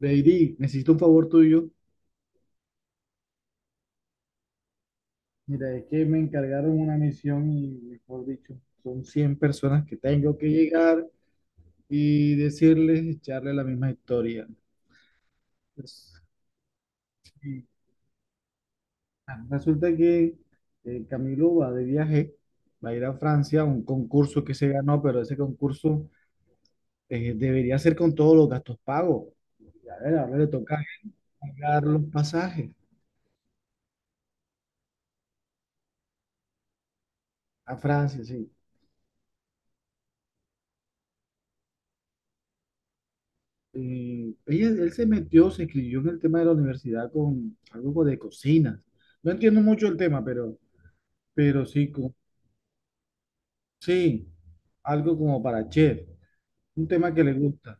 Lady, necesito un favor tuyo. Mira, es que me encargaron una misión y, mejor dicho, son 100 personas que tengo que llegar y decirles, echarle la misma historia. Pues, y, resulta que Camilo va de viaje, va a ir a Francia a un concurso que se ganó, pero ese concurso debería ser con todos los gastos pagos. Y, a ver, ahora le toca pagar los pasajes a Francia, sí. Él se metió, se escribió en el tema de la universidad con algo de cocina. No entiendo mucho el tema, pero sí, sí, algo como para chef, un tema que le gusta.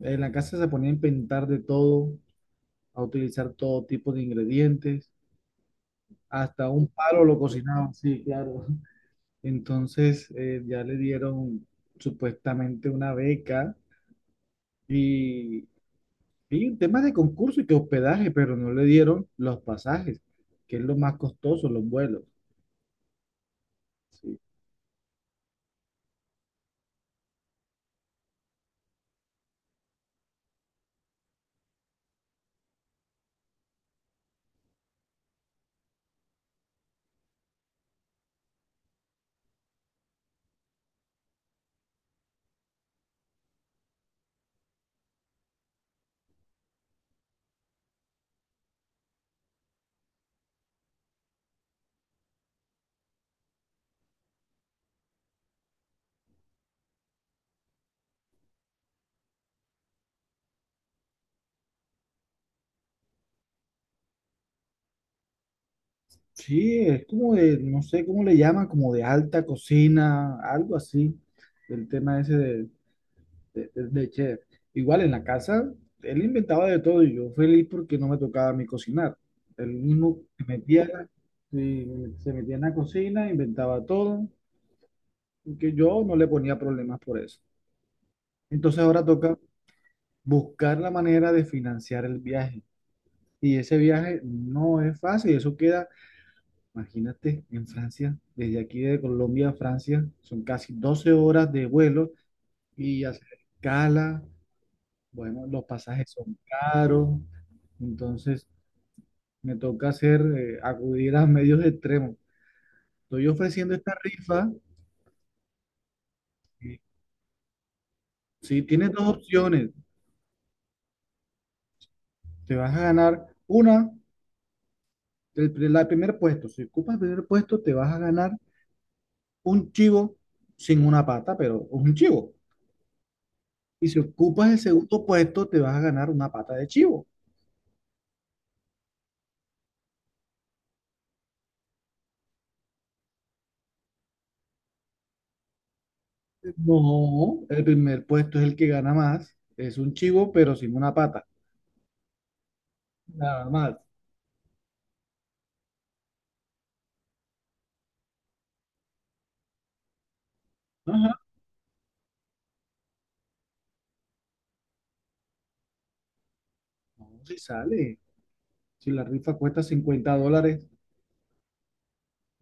En la casa se ponía a inventar de todo, a utilizar todo tipo de ingredientes, hasta un palo lo cocinaban, sí, claro. Entonces ya le dieron supuestamente una beca y vi un tema de concurso y que hospedaje, pero no le dieron los pasajes, que es lo más costoso, los vuelos. Sí, sí, es como de, no sé cómo le llaman, como de alta cocina, algo así, el tema ese de chef. Igual en la casa, él inventaba de todo y yo feliz porque no me tocaba a mí cocinar. Él mismo se metía, sí, se metía en la cocina, inventaba todo, porque yo no le ponía problemas por eso. Entonces ahora toca buscar la manera de financiar el viaje. Y ese viaje no es fácil, eso queda, imagínate, en Francia, desde aquí de Colombia a Francia, son casi 12 horas de vuelo y hacer escala, bueno, los pasajes son caros, entonces me toca hacer, acudir a medios extremos. Estoy ofreciendo esta rifa, eh, si tienes dos opciones, te vas a ganar una, el primer puesto, si ocupas el primer puesto, te vas a ganar un chivo sin una pata, pero es un chivo. Y si ocupas el segundo puesto, te vas a ganar una pata de chivo. No, el primer puesto es el que gana más. Es un chivo, pero sin una pata. Nada más. Ajá. No, si sale. Si la rifa cuesta $50.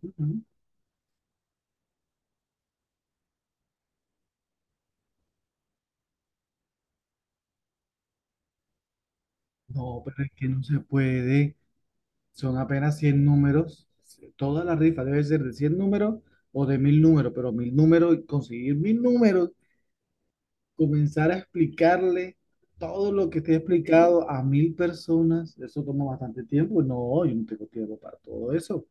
Ujú. No, pero es que no se puede. Son apenas 100 números. Toda la rifa debe ser de 100 números o de 1000 números, pero 1000 números, y conseguir 1000 números comenzar a explicarle todo lo que te he explicado a 1000 personas, eso toma bastante tiempo. No, yo no tengo tiempo para todo eso.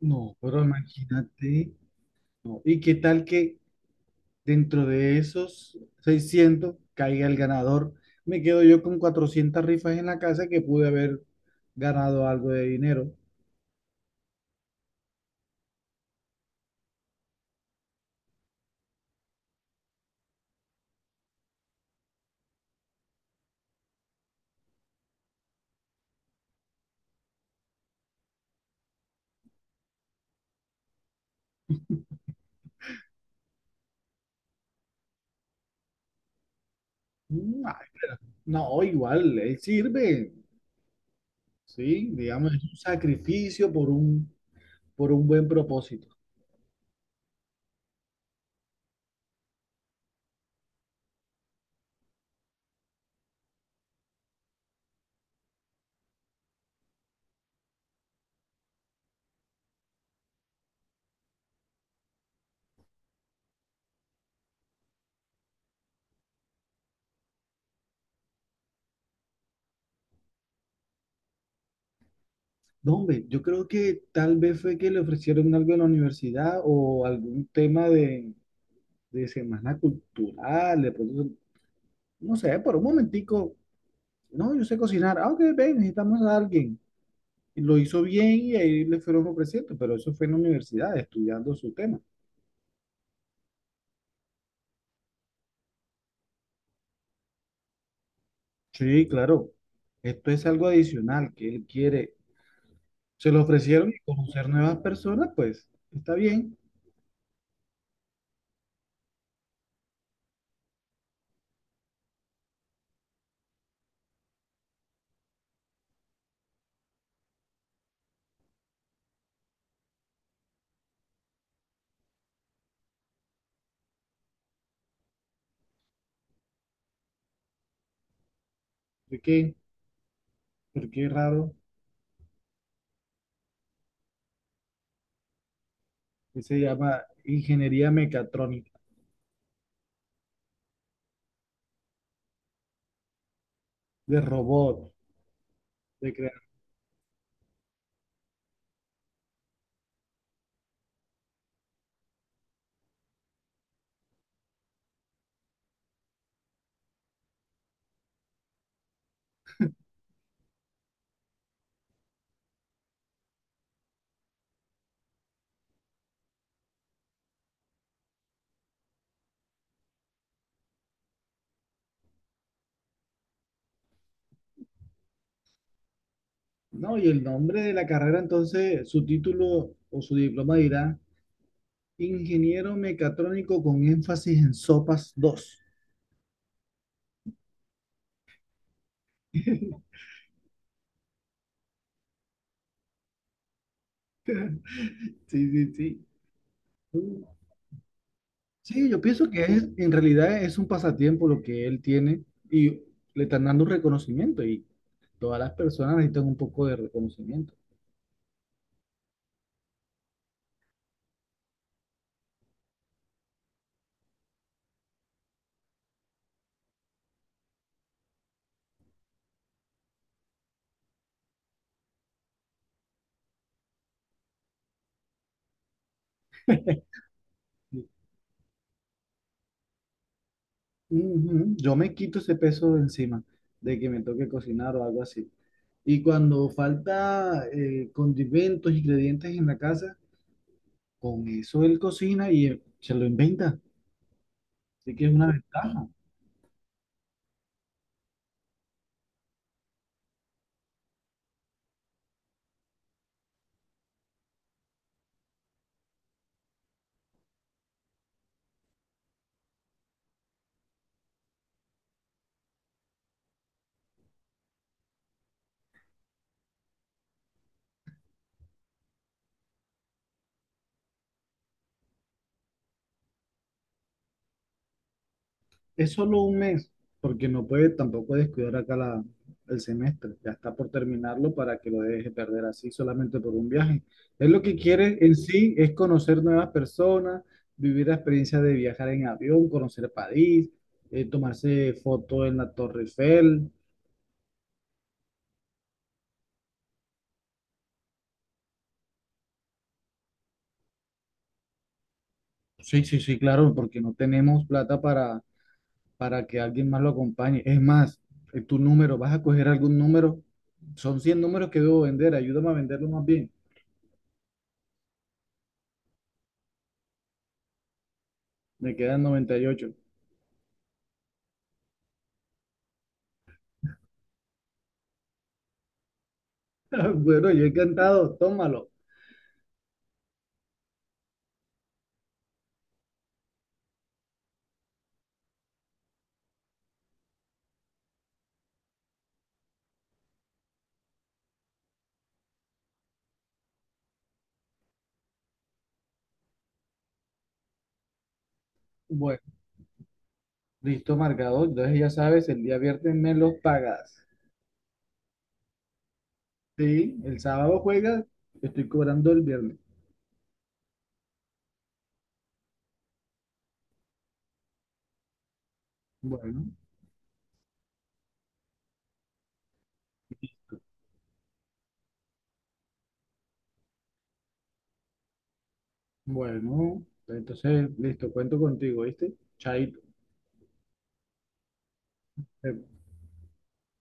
No, pero imagínate. No. ¿Y qué tal que dentro de esos 600 caiga el ganador? Me quedo yo con 400 rifas en la casa que pude haber ganado algo de dinero. Mm, ay, no, igual, él sirve, ¿sí? Digamos, es un sacrificio por un buen propósito. No, hombre, yo creo que tal vez fue que le ofrecieron algo en la universidad o algún tema de semana cultural, de pronto, no sé, por un momentico, no, yo sé cocinar, ah, ok, ven, necesitamos a alguien. Y lo hizo bien y ahí le fueron ofreciendo, pero eso fue en la universidad, estudiando su tema. Sí, claro, esto es algo adicional que él quiere. Se lo ofrecieron y conocer nuevas personas, pues está bien. ¿Por qué? ¿Por qué raro? Que se llama ingeniería mecatrónica. De robot, de crear. No, y el nombre de la carrera, entonces, su título o su diploma dirá Ingeniero Mecatrónico con énfasis en sopas dos. Sí, sí, sí. Sí, yo pienso que es, en realidad es un pasatiempo lo que él tiene y le están dando un reconocimiento y todas las personas necesitan un poco de reconocimiento. Ujú, yo me quito ese peso de encima de que me toque cocinar o algo así. Y cuando falta condimentos, ingredientes en la casa, con eso él cocina y se lo inventa. Así que es una ventaja. Es solo un mes, porque no puede tampoco descuidar acá la, el semestre. Ya está por terminarlo para que lo deje perder así solamente por un viaje. Él lo que quiere en sí es conocer nuevas personas, vivir la experiencia de viajar en avión, conocer París, tomarse foto en la Torre Eiffel. Sí, sí, sí, claro, porque no tenemos plata para que alguien más lo acompañe. Es más, tu número, vas a coger algún número. Son 100 números que debo vender, ayúdame a venderlo más bien. Me quedan 98. Bueno, yo encantado, tómalo. Bueno, listo, marcado. Entonces ya sabes, el día viernes me los pagas. Sí, el sábado juegas, te estoy cobrando el viernes. Bueno, bueno, entonces listo, cuento contigo, ¿viste? Chaito.